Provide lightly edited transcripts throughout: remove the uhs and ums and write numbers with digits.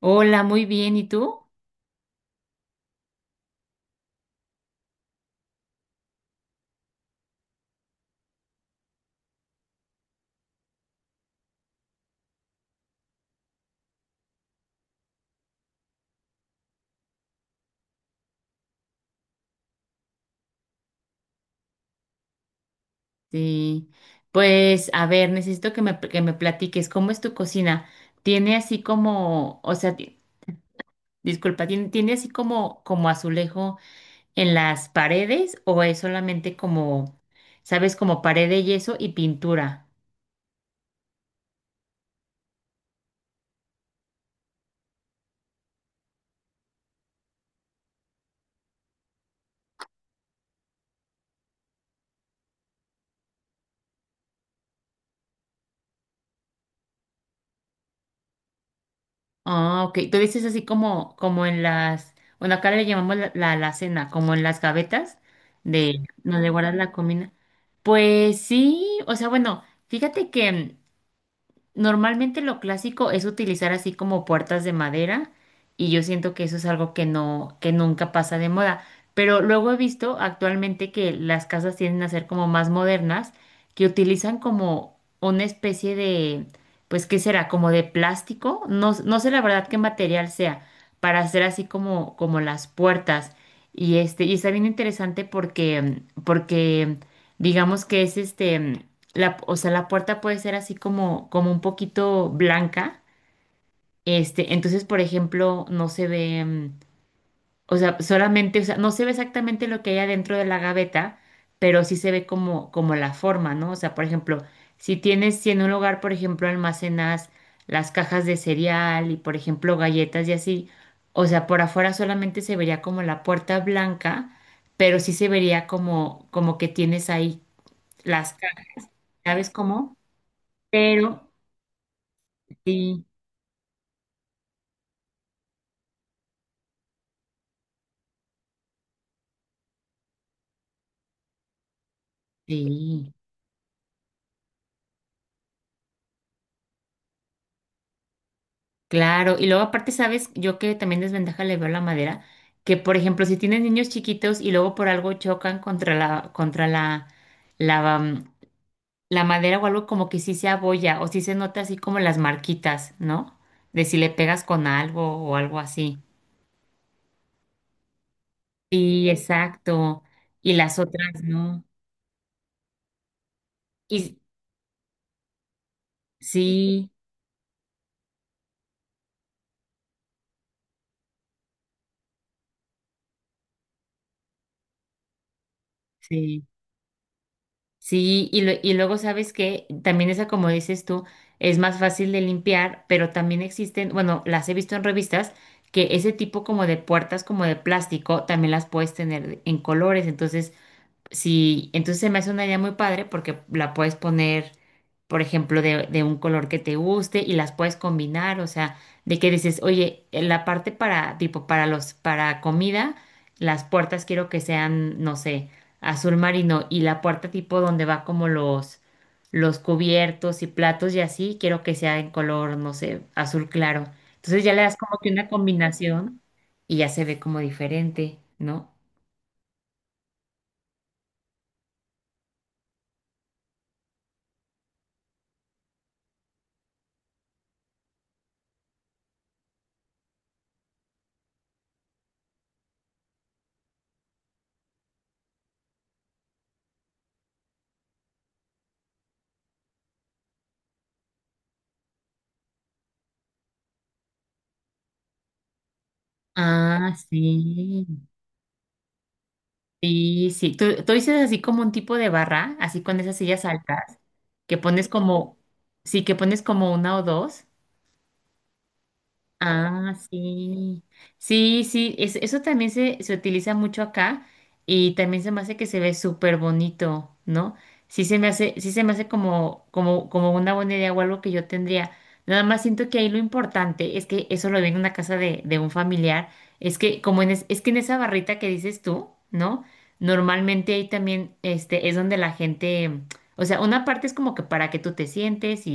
Hola, muy bien. ¿Y tú? Sí. Pues, a ver, necesito que me platiques cómo es tu cocina. Tiene así como, o sea, ¿tiene así como, como azulejo en las paredes o es solamente como, sabes, como pared de yeso y pintura? Ah, ok. Tú dices así como, como en las, bueno, acá le llamamos la alacena, como en las gavetas de donde guardas la comida. Pues sí, o sea, bueno, fíjate que. Normalmente lo clásico es utilizar así como puertas de madera y yo siento que eso es algo que no, que nunca pasa de moda. Pero luego he visto actualmente que las casas tienden a ser como más modernas, que utilizan como una especie de, pues, ¿qué será? Como de plástico. No, no sé la verdad qué material sea para hacer así como, como las puertas. Y este, y está bien interesante porque digamos que es este la, o sea, la puerta puede ser así como, como un poquito blanca. Este, entonces, por ejemplo, no se ve, o sea, solamente, o sea, no se ve exactamente lo que hay adentro de la gaveta, pero sí se ve como, como la forma, ¿no? O sea, por ejemplo, si tienes, si en un lugar, por ejemplo, almacenas las cajas de cereal y, por ejemplo, galletas y así, o sea, por afuera solamente se vería como la puerta blanca, pero sí se vería como, como que tienes ahí las cajas, ¿sabes cómo? Pero sí, sí, claro. Y luego aparte, ¿sabes? Yo que también desventaja le veo la madera, que por ejemplo, si tienes niños chiquitos y luego por algo chocan contra la, contra la, la, mm, la madera o algo como que sí se abolla o sí se nota así como las marquitas, ¿no? De si le pegas con algo o algo así. Sí, exacto. Y las otras, ¿no? Y sí, sí. Sí, y, y luego sabes que también esa, como dices tú, es más fácil de limpiar, pero también existen, bueno, las he visto en revistas, que ese tipo como de puertas como de plástico también las puedes tener en colores, entonces sí, entonces se me hace una idea muy padre porque la puedes poner, por ejemplo, de un color que te guste y las puedes combinar, o sea, de que dices, oye, en la parte para, tipo, para los, para comida, las puertas quiero que sean, no sé, azul marino y la puerta tipo donde va como los cubiertos y platos y así, quiero que sea en color, no sé, azul claro. Entonces ya le das como que una combinación y ya se ve como diferente, ¿no? Ah, sí. Sí, sí. ¿Tú dices así como un tipo de barra, así con esas sillas altas, que pones como, sí, que pones como una o dos. Ah, sí. Sí, sí, eso también se utiliza mucho acá y también se me hace que se ve súper bonito, ¿no? Sí se me hace, sí se me hace como, como, como una buena idea o algo que yo tendría. Nada más siento que ahí lo importante es que eso lo vi en una casa de un familiar, es que en esa barrita que dices tú, ¿no? Normalmente ahí también este es donde la gente, o sea, una parte es como que para que tú te sientes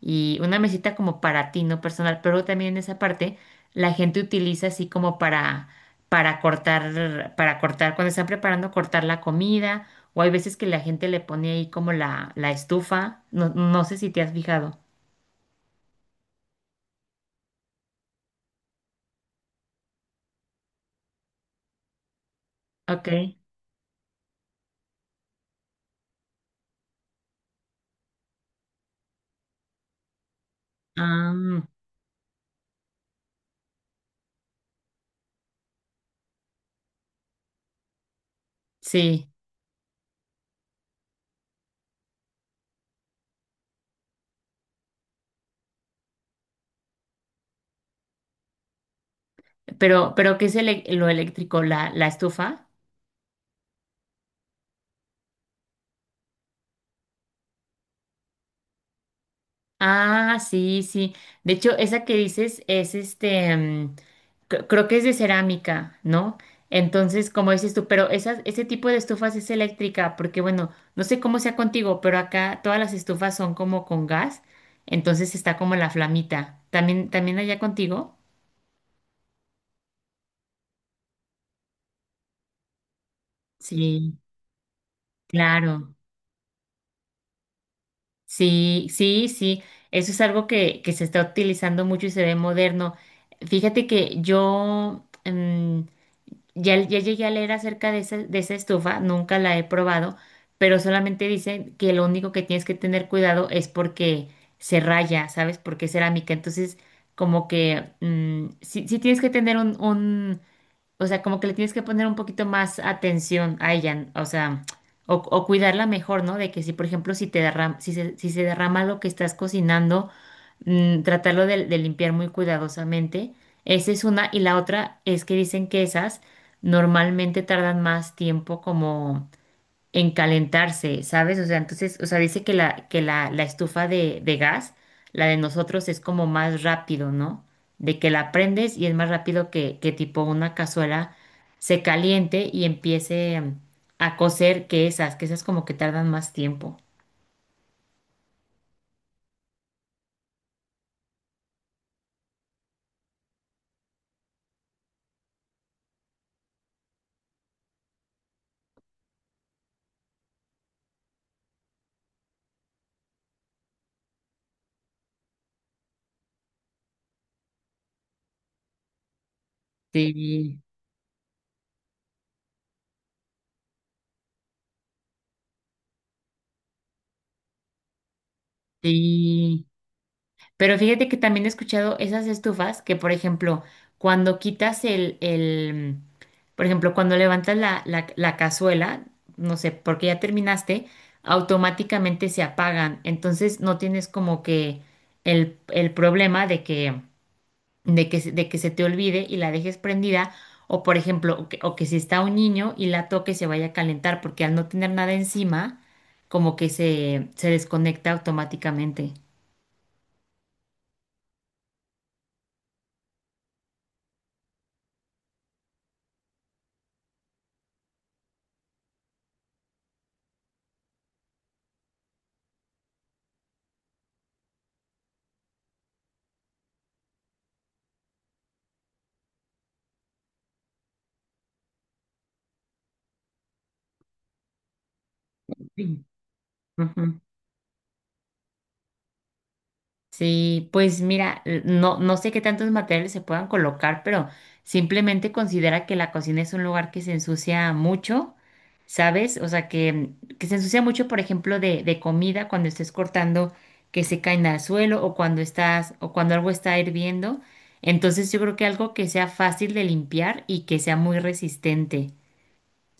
y una mesita como para ti, no personal, pero también en esa parte la gente utiliza así como para, para cortar, cuando están preparando, cortar la comida, o hay veces que la gente le pone ahí como la estufa, no, no sé si te has fijado. Ok. Ah, sí, pero ¿qué es el, lo eléctrico? ¿La, la estufa? Ah, sí, sí. De hecho, esa que dices es este, creo que es de cerámica, ¿no? Entonces, como dices tú, pero esas, ese tipo de estufas es eléctrica, porque bueno, no sé cómo sea contigo, pero acá todas las estufas son como con gas, entonces está como la flamita. ¿También, también allá contigo? Sí, claro. Sí, sí, sí. Eso es algo que se está utilizando mucho y se ve moderno. Fíjate que yo, mm, ya llegué a leer acerca de esa estufa, nunca la he probado, pero solamente dicen que lo único que tienes que tener cuidado es porque se raya, ¿sabes? Porque es cerámica. Entonces, sí, sí tienes que tener un o sea, como que le tienes que poner un poquito más atención a ella, o sea, o cuidarla mejor, ¿no? De que si, por ejemplo, si se, si se derrama lo que estás cocinando, mm, tratarlo de limpiar muy cuidadosamente. Esa es una. Y la otra es que dicen que esas normalmente tardan más tiempo como en calentarse, ¿sabes? O sea, entonces, o sea, dice que la, la estufa de gas, la de nosotros es como más rápido, ¿no? De que la prendes y es más rápido que tipo una cazuela se caliente y empiece a cocer que esas como que tardan más tiempo. Sí, sí. Pero fíjate que también he escuchado esas estufas que, por ejemplo, cuando quitas el, por ejemplo, cuando levantas la, la cazuela, no sé, porque ya terminaste, automáticamente se apagan. Entonces no tienes como que el problema de que, de que se te olvide y la dejes prendida. O, por ejemplo, o que si está un niño y la toque se vaya a calentar, porque al no tener nada encima, como que se desconecta automáticamente. Sí. Sí, pues mira, no, no sé qué tantos materiales se puedan colocar, pero simplemente considera que la cocina es un lugar que se ensucia mucho, ¿sabes? O sea, que se ensucia mucho, por ejemplo, de comida cuando estés cortando que se caen al suelo o cuando estás, o cuando algo está hirviendo. Entonces yo creo que algo que sea fácil de limpiar y que sea muy resistente,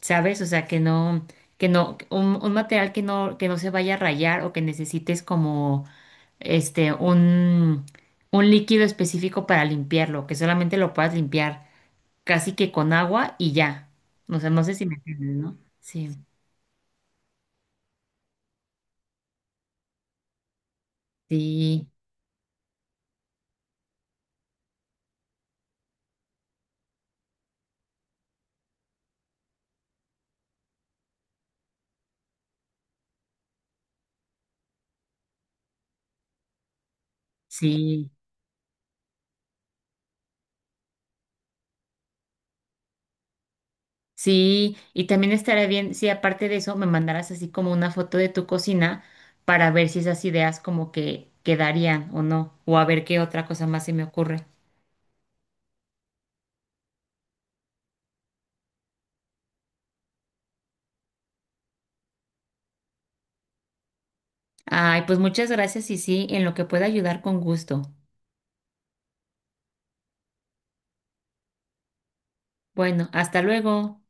¿sabes? O sea, que no, un material que no se vaya a rayar o que necesites como este, un líquido específico para limpiarlo, que solamente lo puedas limpiar casi que con agua y ya. No sé, no sé si me entiendes, ¿no? Sí, sí, sí, sí. Y también estaría bien si aparte de eso me mandaras así como una foto de tu cocina para ver si esas ideas como que quedarían o no, o a ver qué otra cosa más se me ocurre. Ay, pues muchas gracias y sí, en lo que pueda ayudar con gusto. Bueno, hasta luego.